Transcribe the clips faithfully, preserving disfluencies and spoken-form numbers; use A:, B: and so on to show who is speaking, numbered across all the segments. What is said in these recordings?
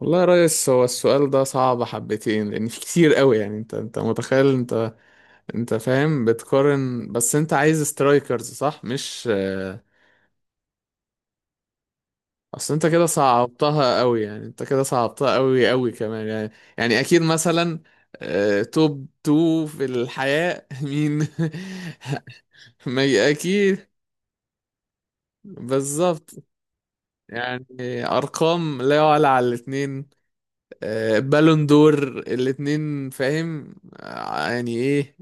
A: والله يا ريس، هو السؤال ده صعب حبتين، لان في كتير قوي. يعني انت انت متخيل، انت انت فاهم، بتقارن؟ بس انت عايز سترايكرز، صح مش آه، اصل انت كده صعبتها قوي، يعني انت كده صعبتها قوي قوي كمان. يعني يعني اكيد مثلا آه، توب تو في الحياة، مين؟ ما ي- اكيد. بالظبط، يعني ارقام لا يعلى على الاتنين. آه، بالون دور الاتنين، فاهم؟ آه، يعني ايه.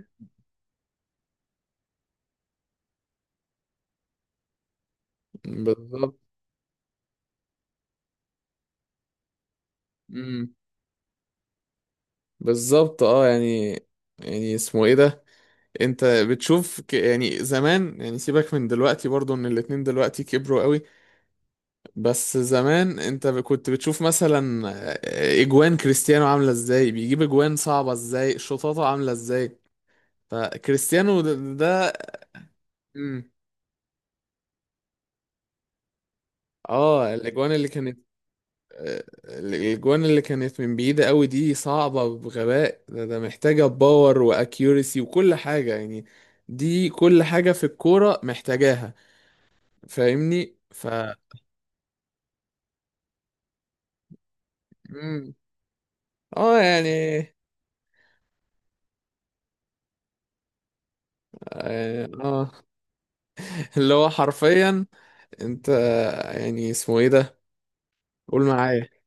A: بالظبط. امم بالظبط، اه يعني يعني اسمه ايه ده، انت بتشوف ك... يعني زمان، يعني سيبك من دلوقتي، برضو ان الاتنين دلوقتي كبروا قوي. بس زمان انت ب- كنت بتشوف مثلا آه، اجوان كريستيانو عاملة ازاي، بيجيب اجوان صعبة ازاي، شطاطة عاملة ازاي. فكريستيانو ده, ده... امم اه الاجوان اللي كان، الجوان اللي كانت من بعيدة قوي دي، صعبة بغباء. ده, ده محتاجة باور واكيورسي وكل حاجة يعني. دي كل حاجة في الكورة محتاجاها، فاهمني ف مم. اه يعني اه. اللي هو حرفيا، انت يعني اسمه ايه ده، قول معايا،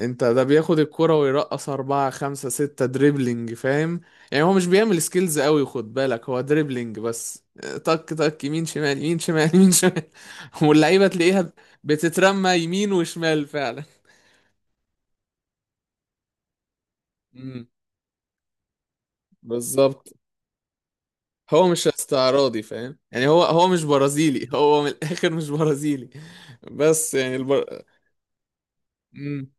A: انت ده بياخد الكرة ويرقص أربعة خمسة ستة دريبلينج فاهم. يعني هو مش بيعمل سكيلز قوي، خد بالك، هو دريبلينج بس، تك تك، يمين شمال، يمين شمال، يمين شمال. واللعيبة تلاقيها بتترمى يمين وشمال فعلا. امم بالظبط، هو مش استعراضي، فاهم يعني، هو هو مش برازيلي. هو من الآخر مش برازيلي، بس يعني البر... امم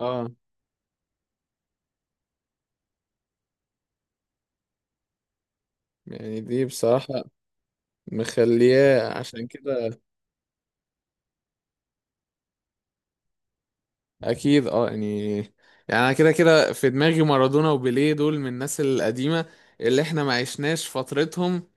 A: اه يعني دي بصراحة مخلياه، عشان كده. اكيد اه يعني، يعني انا كده كده في دماغي مارادونا وبيليه، دول من الناس القديمه اللي احنا ما عشناش فترتهم.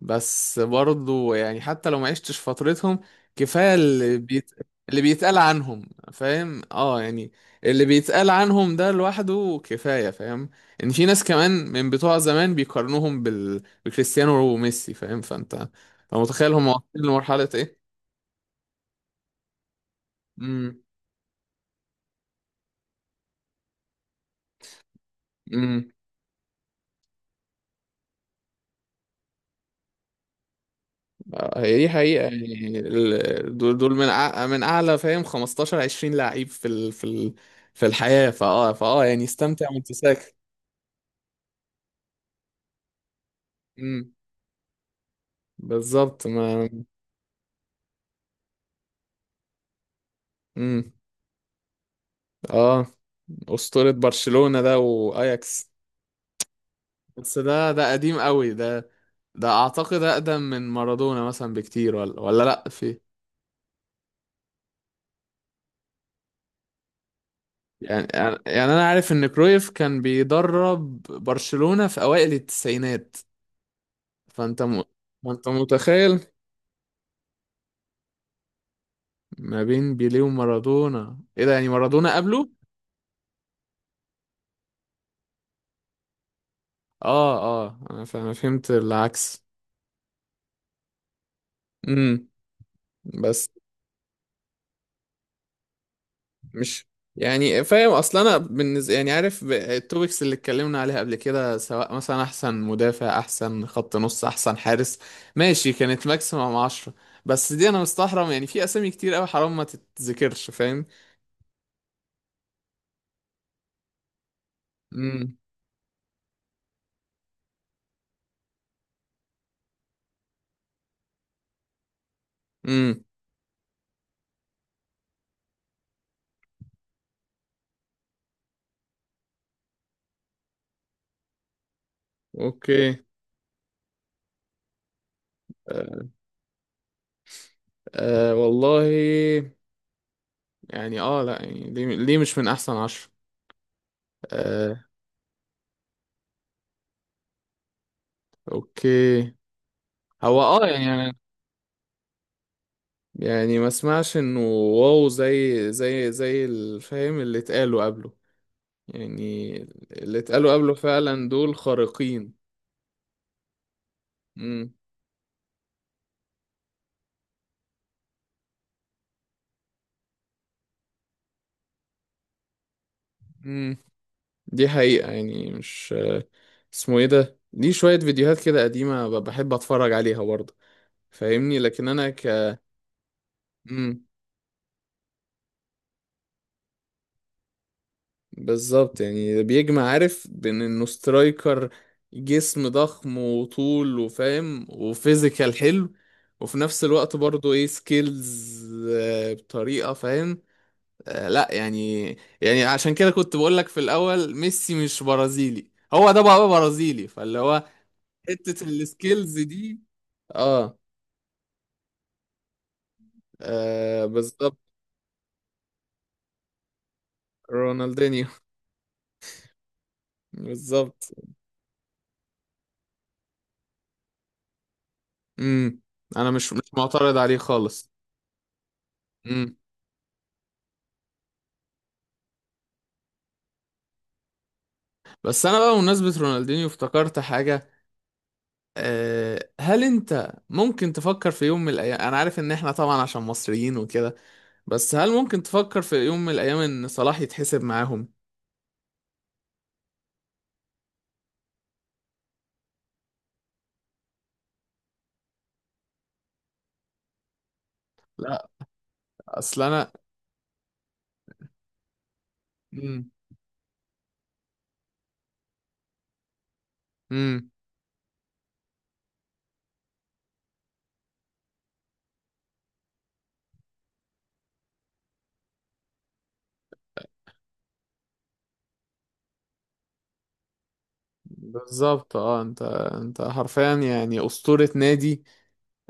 A: بس برضو يعني، حتى لو ما عشتش فترتهم، كفايه اللي بيت... اللي بيتقال عنهم، فاهم اه يعني، اللي بيتقال عنهم ده لوحده كفايه فاهم. ان في ناس كمان من بتوع زمان بيقارنوهم بال... بكريستيانو وميسي فاهم، فانت فمتخيل هم واصلين لمرحله ايه. امم آه، هي دي حقيقة، يعني ال- دول دول من أع- من أعلى فاهم خمستاشر عشرين لعيب في ال... في ال... في الحياة، فأه فأه يعني استمتع وأنت ساكت. امم بالظبط ما. امم أه، أسطورة برشلونة ده وأياكس. بس ده ده قديم قوي، ده ده أعتقد أقدم من مارادونا مثلا بكتير، ولا ولا لأ، في. يعني يعني يعني أنا عارف إن كرويف كان بيدرب برشلونة في أوائل التسعينات، فأنت م... فأنت متخيل، ما بين بيليه ومارادونا. ايه ده، يعني مارادونا قبله؟ اه اه، انا ف- أنا فهمت العكس. امم بس مش. يعني فاهم اصلا، انا بالنسبه، يعني عارف ب- التوبكس اللي اتكلمنا عليها قبل كده، سواء مثلا احسن مدافع، احسن خط نص، احسن حارس، ماشي، كانت ماكسيمم عشرة. بس دي، انا مستحرم، يعني في اسامي كتير قوي حرام ما تتذكرش فاهم. امم امم اوكي. آه. آه، والله، يعني اه لا يعني، ليه ليه مش من احسن عشرة؟ اوكي، هو اه يعني، يعني ما اسمعش انه واو، زي زي زي الفاهم اللي اتقالوا قبله، يعني اللي اتقالوا قبله فعلا دول خارقين. امم امم دي حقيقة يعني، مش اسمه ايه ده، دي شوية فيديوهات كده قديمة ب- بحب اتفرج عليها برضه فاهمني، لكن انا ك. مم. بالظبط، يعني ده بيجمع عارف بين انه سترايكر، جسم ضخم وطول وفاهم وفيزيكال حلو، وفي نفس الوقت برضه ايه، سكيلز بطريقة، فاهم آه، لا يعني، يعني عشان كده كنت بقولك في الاول، ميسي مش برازيلي، هو ده بقى برازيلي، فاللي هو حتة السكيلز دي. اه, آه بالظبط. رونالدينيو، بالظبط. امم انا مش مش معترض عليه خالص. امم. بس انا بقى بمناسبة رونالدينيو افتكرت حاجة. أه، هل انت ممكن تفكر في يوم من الايام، انا عارف ان احنا طبعا عشان مصريين وكده، بس هل ممكن تفكر في يوم من الايام ان صلاح يتحسب معاهم؟ لا، اصل انا. امم امم بالظبط، اه انت انت حرفيا يعني اسطورة نادي،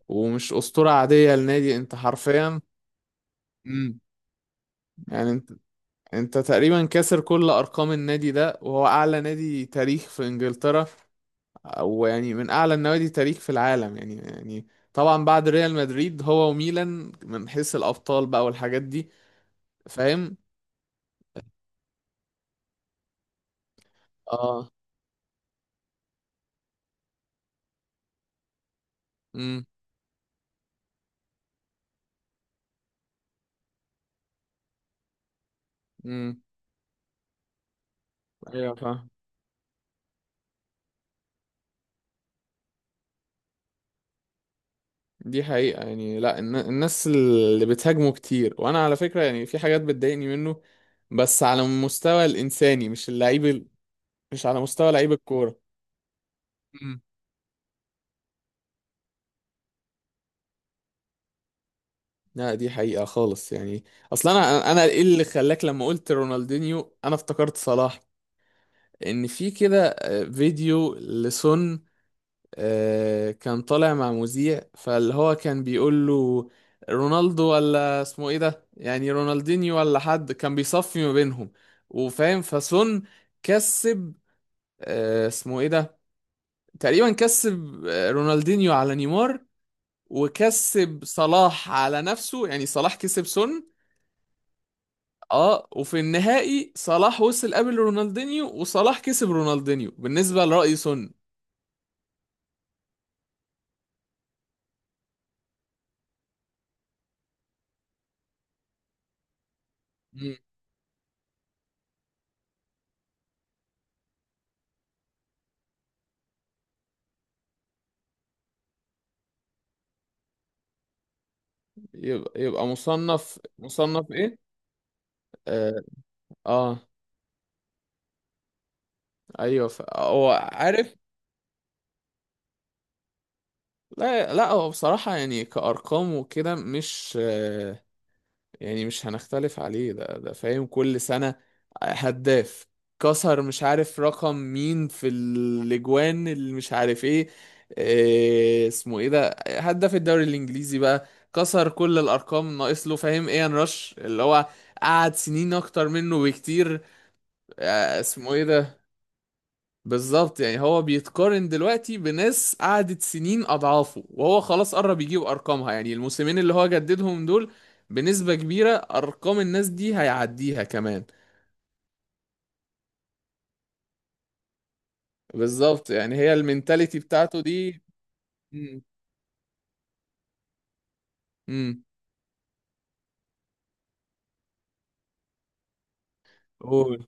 A: ومش اسطورة عادية لنادي، انت حرفيا. امم يعني انت انت تقريبا كاسر كل ارقام النادي ده، وهو اعلى نادي تاريخ في انجلترا، ويعني من اعلى النوادي تاريخ في العالم، يعني يعني طبعا بعد ريال مدريد، هو وميلان، من حيث الابطال بقى والحاجات دي، فاهم. اه. امم امم ايوه فاهم، دي حقيقة يعني. لا الن- الناس اللي بتهاجمه كتير، وانا على فكرة يعني في حاجات بتضايقني منه، بس على المستوى الانساني، مش اللعيب ال- مش على مستوى لعيب الكورة. امم لا دي حقيقة خالص يعني. اصلا انا انا ايه اللي خلاك لما قلت رونالدينيو انا افتكرت صلاح؟ ان في كده آه، فيديو لسون، آه، كان طالع مع مذيع فاللي هو كان بيقول له رونالدو ولا اسمه ايه ده، يعني رونالدينيو، ولا حد، كان بيصفي ما بينهم، وفاهم، فسون كسب آه، اسمه ايه ده، تقريبا كسب آه، رونالدينيو على نيمار، وكسب صلاح على نفسه، يعني صلاح كسب سون. اه، وفي النهائي صلاح وصل قبل رونالدينيو، وصلاح كسب رونالدينيو بالنسبة لرأي سون. يبقى يبقى مصنف مصنف ايه. اه, آه. ايوه ف، هو عارف. لا لا، هو بصراحة يعني كأرقام وكده، مش آه يعني، مش هنختلف عليه ده ده فاهم. كل سنة هداف، كسر مش عارف رقم مين في الاجوان اللي مش عارف ايه، آه اسمه ايه ده، هداف الدوري الانجليزي بقى، كسر كل الارقام، ناقص له فاهم ايان رش اللي هو قعد سنين اكتر منه بكتير. آه اسمه ايه ده، بالظبط، يعني هو بيتقارن دلوقتي بناس قعدت سنين اضعافه، وهو خلاص قرب يجيب ارقامها، يعني الموسمين اللي هو جددهم دول، بنسبة كبيرة ارقام الناس دي هيعديها كمان. بالظبط، يعني هي المينتاليتي بتاعته دي. امم امم قول.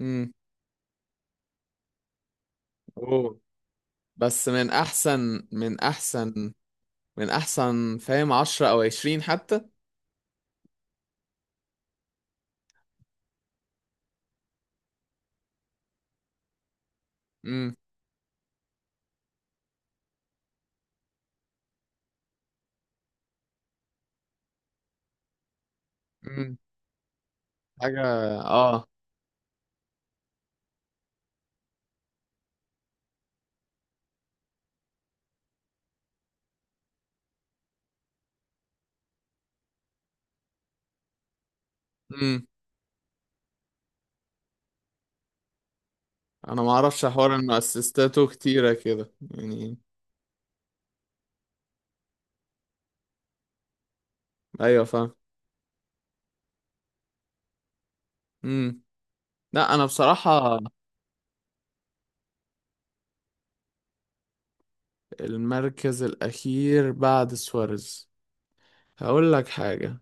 A: امم قول. بس من احسن من احسن من احسن فاهم عشرة او عشرين حتى. امم امم حاجة. اه. امم انا ما اعرفش حوار انه اسيستاته كتيرة كده يعني. ايوه فاهم. امم لا انا بصراحة. المركز الاخير بعد سواريز، هقول لك حاجة.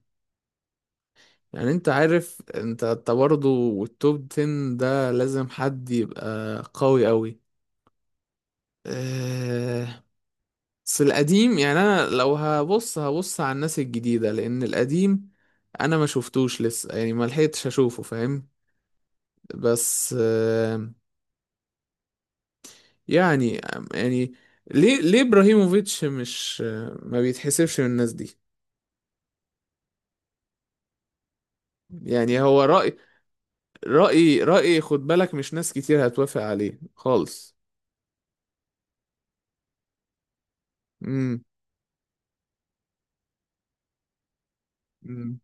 A: يعني انت عارف، انت انت برضه التوب عشرة ده لازم حد يبقى قوي قوي. أه، بس القديم يعني، انا لو هبص، هبص على الناس الجديدة، لان القديم انا ما شفتوش لسه، يعني ما لحقتش اشوفه فاهم. بس أه، يعني يعني ليه ليه ابراهيموفيتش مش، ما بيتحسبش من الناس دي؟ يعني هو رأي، رأي رأي خد بالك، مش ناس كتير هتوافق عليه خالص. امم امم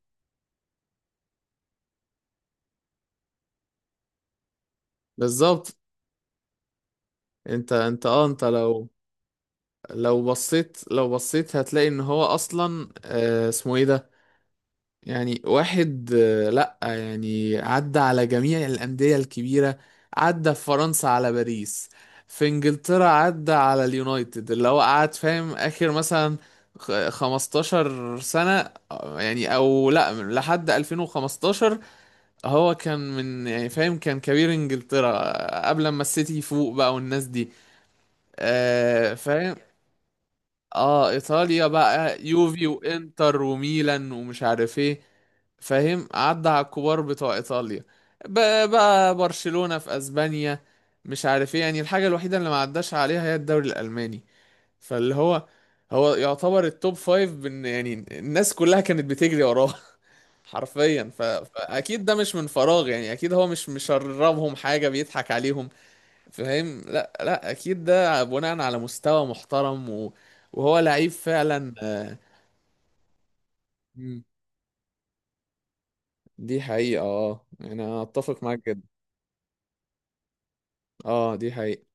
A: بالظبط، انت انت اه انت لو، لو بصيت لو بصيت هتلاقي ان هو اصلا آه اسمه ايه ده، يعني واحد آه، لا يعني، عدى على جميع الأندية الكبيرة، عدى في فرنسا على باريس، في انجلترا عدى على اليونايتد اللي هو قعد فاهم اخر مثلا خ- 15 سنة آه، يعني، او لا من- لحد ألفين وخمستاشر. هو كان من، يعني فاهم كان كبير انجلترا، آه، قبل ما السيتي يفوق بقى والناس دي، آه، فاهم. اه ايطاليا بقى، يوفي وانتر وميلان ومش عارف ايه، فاهم، عدى على الكبار بتوع ايطاليا، بقى, بقى برشلونة في اسبانيا، مش عارف ايه، يعني الحاجة الوحيدة اللي ما عداش عليها هي الدوري الالماني، فاللي هو هو يعتبر التوب فايف بن، يعني الناس كلها كانت بتجري وراه. حرفيا، ف، فاكيد ده مش من فراغ، يعني اكيد هو مش مشربهم حاجة بيضحك عليهم، فاهم. لا لا اكيد، ده بناء على مستوى محترم، و، وهو لعيب فعلا آه، مم. دي حقيقة، اه يعني انا اتفق معاك جدا. اه دي حقيقة.